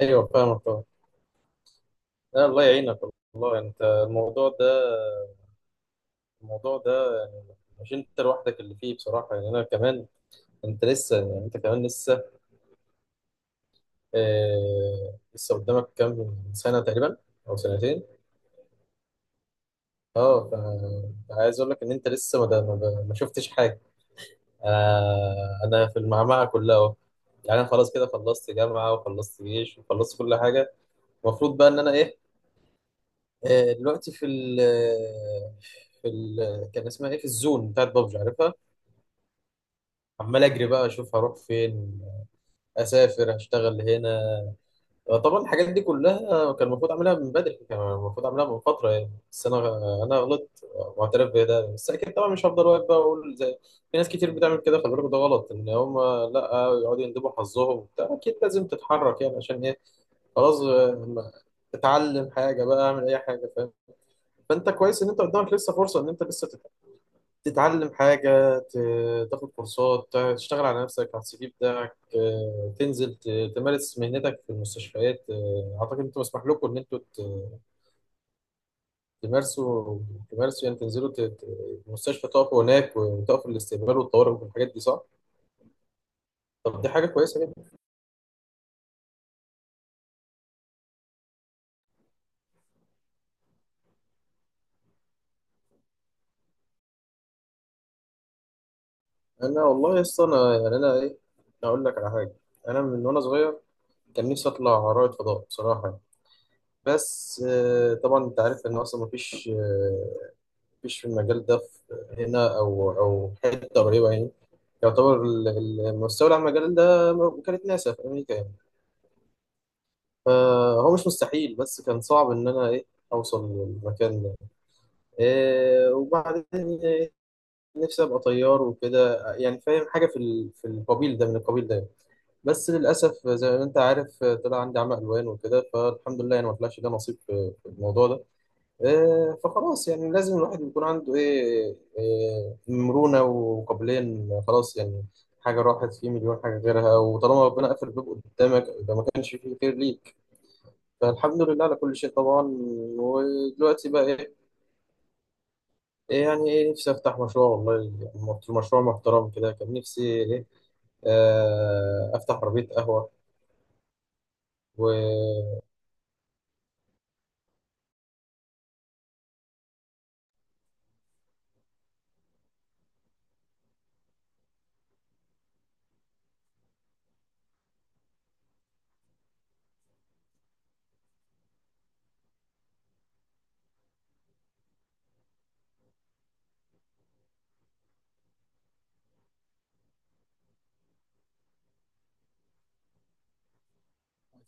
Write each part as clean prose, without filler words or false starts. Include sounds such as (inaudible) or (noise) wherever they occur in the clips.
ايوه، فاهمك طبعا. لا، الله يعينك. والله، يعني انت، الموضوع ده يعني مش انت لوحدك اللي فيه بصراحه، يعني انا كمان. انت كمان لسه. لسه قدامك كام سنه تقريبا، او سنتين. اه ف- عايز اقول لك ان انت لسه ما شفتش حاجه. انا في المعمعه كلها اهو. يعني انا خلاص كده خلصت جامعه وخلصت جيش وخلصت كل حاجه. المفروض بقى ان انا ايه؟ دلوقتي في ال في ال كان اسمها ايه، في الزون بتاعت بابجي، عارفها. عمال اجري بقى اشوف هروح فين، اسافر، اشتغل هنا. طبعا الحاجات دي كلها كان المفروض اعملها من بدري، كان المفروض اعملها من فتره يعني، بس انا غلطت واعترف بده. بس اكيد طبعا مش هفضل واقف بقى واقول زي في ناس كتير بتعمل كده. خلي بالك، ده غلط ان هم لا يقعدوا يندبوا حظهم وبتاع. اكيد لازم تتحرك يعني، عشان ايه؟ خلاص. اتعلم حاجه بقى، اعمل اي حاجه، فاهم؟ فانت كويس ان انت قدامك لسه فرصه ان انت لسه تتعلم حاجة، تاخد كورسات، تشتغل على نفسك، على السي في بتاعك. تنزل تمارس مهنتك في المستشفيات. أعتقد أنتوا مسموح لكم إن أنتوا ت- تمارسوا تمارسوا، يعني تنزلوا المستشفى، تقفوا هناك، وتقفوا الاستقبال والطوارئ والحاجات دي، صح؟ طب دي حاجة كويسة جدا. أنا والله يا اسطى، أنا يعني، أنا إيه أقول لك على حاجة. أنا من وأنا صغير كان نفسي أطلع رائد فضاء، بصراحة. بس طبعا أنت عارف إن أصلا مفيش، في المجال ده في هنا، أو حتة قريبة يعني. يعتبر المستولى على المجال ده كانت ناسا في أمريكا يعني. فهو مش مستحيل، بس كان صعب إن أنا أوصل للمكان ده. إيه وبعدين؟ إيه، نفسي أبقى طيار وكده، يعني فاهم حاجة في ال- في القبيل ده من القبيل ده. بس للأسف زي ما أنت عارف طلع عندي عمى ألوان وكده، فالحمد لله، يعني ما طلعش ده نصيب في الموضوع ده. فخلاص يعني لازم الواحد يكون عنده ايه آه، مرونة وقابلية، إن خلاص يعني حاجة راحت في مليون حاجة غيرها. وطالما ربنا قفل الباب قدامك يبقى ما كانش فيه خير ليك. فالحمد لله على كل شيء طبعا. ودلوقتي بقى ايه؟ يعني نفسي افتح مشروع، والله، مشروع محترم كده. كان نفسي ايه آه، افتح عربية قهوة و...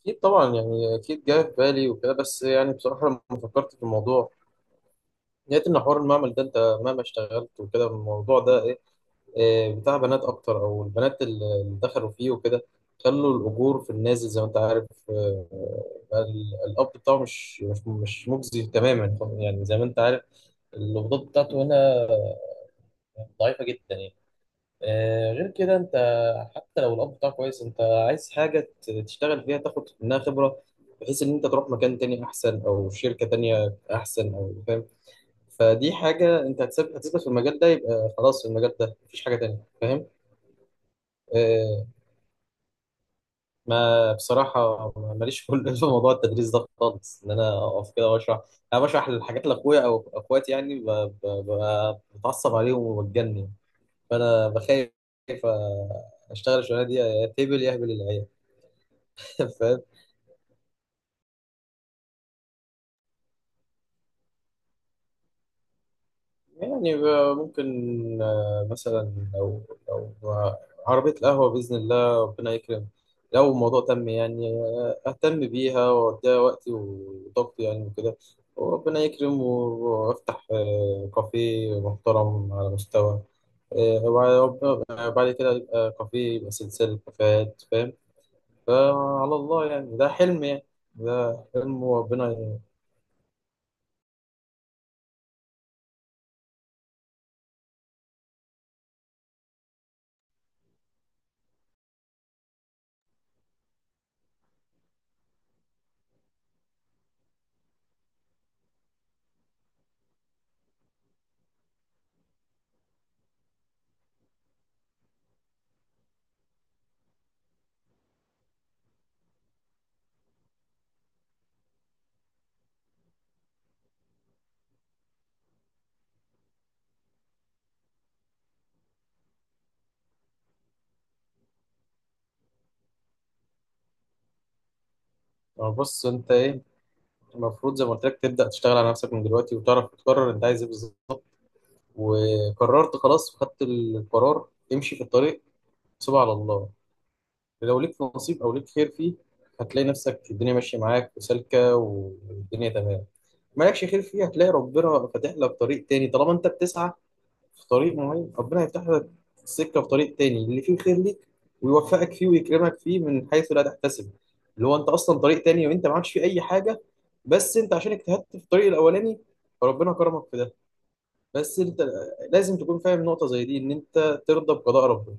أكيد طبعا، يعني أكيد جاي في بالي وكده. بس يعني بصراحة لما فكرت في الموضوع، لقيت ان حوار المعمل ده انت مهما اشتغلت وكده، الموضوع ده ايه إيه بتاع بنات اكتر، او البنات اللي دخلوا فيه وكده خلوا الاجور في النازل، زي ما انت عارف. الاب بتاعه مش مجزي تماما يعني، زي ما انت عارف. القبضات بتاعته هنا ضعيفه جدا يعني. غير كده انت، حتى لو الاب بتاعك كويس، انت عايز حاجه تشتغل فيها، تاخد منها خبره، بحيث ان انت تروح مكان تاني احسن او شركه تانيه احسن، او فاهم. فدي حاجة أنت هتثبت في المجال ده، يبقى خلاص المجال ده مفيش حاجة تانية، فاهم؟ آه. ما بصراحة، ماليش كل (laughs) في موضوع التدريس ده خالص، إن أنا أقف كده وأشرح. أنا بشرح الحاجات لأخويا أو أخواتي يعني، بتعصب عليهم وبتجنن. فأنا بخاف، آه، أشتغل الشغلانة دي يا تهبل يا أهبل العيال. (laughs) يعني، ممكن مثلا لو، لو عربية القهوة بإذن الله ربنا يكرم، لو الموضوع تم يعني، أهتم بيها وأديها وقتي وطاقتي يعني وكده، وربنا يكرم، وأفتح كافيه محترم على مستوى، آه، وبعد آه، بعد كده يبقى كافيه، يبقى سلسلة كافيهات، فاهم؟ فعلى الله يعني، ده حلم يعني. ده حلم، وربنا يعني. بص، أنت المفروض، زي ما قلت لك، تبدأ تشتغل على نفسك من دلوقتي، وتعرف تقرر انت عايز ايه بالظبط. وقررت خلاص وخدت القرار، امشي في الطريق، سيبها على الله. لو ليك نصيب او ليك خير فيه، هتلاقي نفسك الدنيا ماشية معاك وسالكة، والدنيا تمام. مالكش خير فيه، هتلاقي ربنا فاتح لك طريق تاني. طالما انت بتسعى في طريق معين، ربنا يفتح لك السكة في طريق تاني اللي فيه خير ليك، ويوفقك فيه ويكرمك فيه من حيث لا تحتسب. اللي هو انت اصلا طريق تاني، وانت ما عادش فيه اي حاجة، بس انت عشان اجتهدت في الطريق الاولاني، فربنا كرمك في ده. بس انت لازم تكون فاهم نقطة زي دي، ان انت ترضى بقضاء ربنا.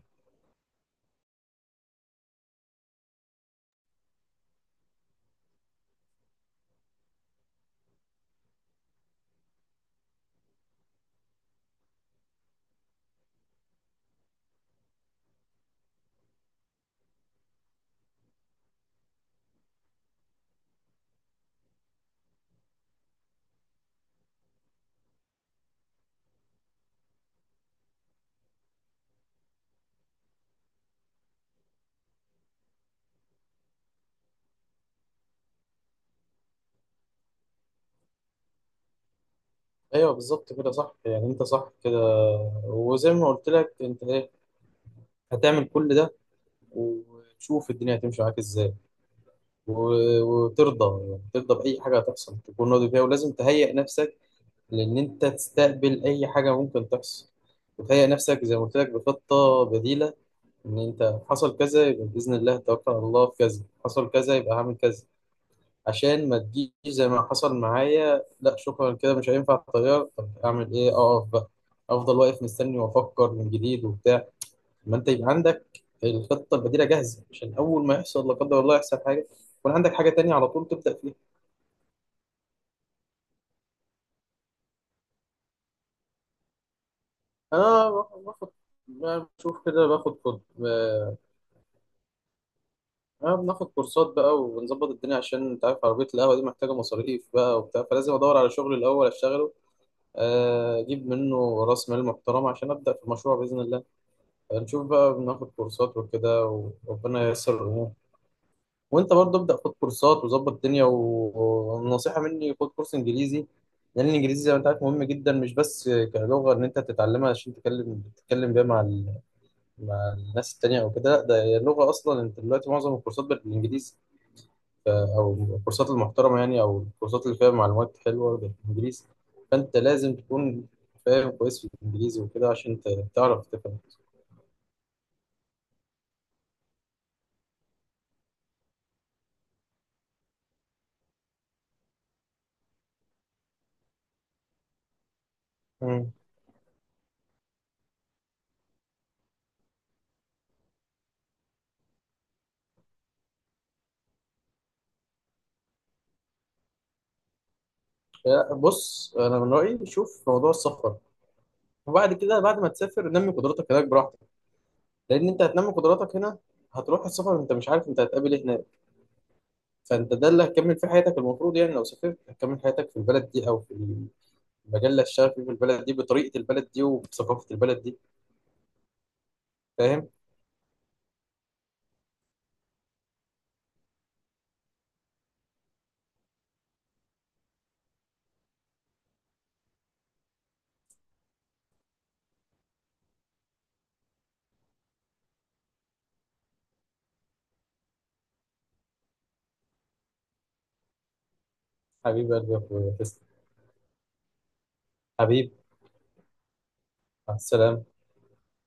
ايوه، بالظبط كده، صح. يعني انت صح كده. وزي ما قلت لك انت هتعمل كل ده، وتشوف الدنيا هتمشي معاك ازاي. وترضى يعني، ترضى باي حاجه هتحصل، تكون راضي فيها. ولازم تهيئ نفسك لأن أنت تستقبل أي حاجة ممكن تحصل، وتهيأ نفسك زي ما قلت لك بخطة بديلة. إن أنت حصل كذا يبقى بإذن الله توكل على الله، في كذا حصل كذا يبقى هعمل كذا. عشان ما تجيش زي ما حصل معايا، لا شكرا كده مش هينفع الطيار، طب أعمل إيه؟ أقف بقى، أفضل واقف مستني وأفكر من جديد وبتاع. ما أنت يبقى عندك الخطة البديلة جاهزة، عشان أول ما يحصل لا قدر الله يحصل حاجة، يكون عندك حاجة تانية على طول تبدأ فيها. أنا باخد أنا بشوف كده باخد. أنا بناخد كورسات بقى وبنظبط الدنيا، عشان أنت عارف عربية القهوة دي محتاجة مصاريف بقى وبتاع، فلازم أدور على شغل الأول أشتغله، أجيب منه رأس مال محترم عشان أبدأ في المشروع بإذن الله. نشوف بقى، بناخد كورسات وكده، وربنا ييسر الأمور. وأنت برضه ابدأ خد كورسات وظبط الدنيا، والنصيحة مني خد كورس إنجليزي. لأن الإنجليزي زي ما أنت عارف مهم جدا، مش بس كلغة إن أنت تتعلمها عشان تتكلم بيها مع مع الناس التانية أو كده، لا ده هي اللغة أصلا، أنت دلوقتي معظم الكورسات بالإنجليزي، او الكورسات المحترمه يعني، او الكورسات اللي فيها معلومات حلوه بالانجليزي، فانت لازم تكون فاهم كويس في الانجليزي وكده، عشان تعرف تفهم. مم. لا، بص انا من رايي شوف موضوع السفر، وبعد كده بعد ما تسافر نمي قدراتك هناك براحتك. لان انت هتنمي قدراتك هنا، هتروح السفر، انت مش عارف انت هتقابل ايه هناك. فانت ده اللي هتكمل فيه حياتك، المفروض يعني، لو سافرت هتكمل حياتك في البلد دي، او في المجال اللي هتشتغل فيه في البلد دي، بطريقه البلد دي وبثقافه البلد دي، فاهم؟ حبيبي قلبي يا اخويا، تسلم. حبيبي. مع السلامة.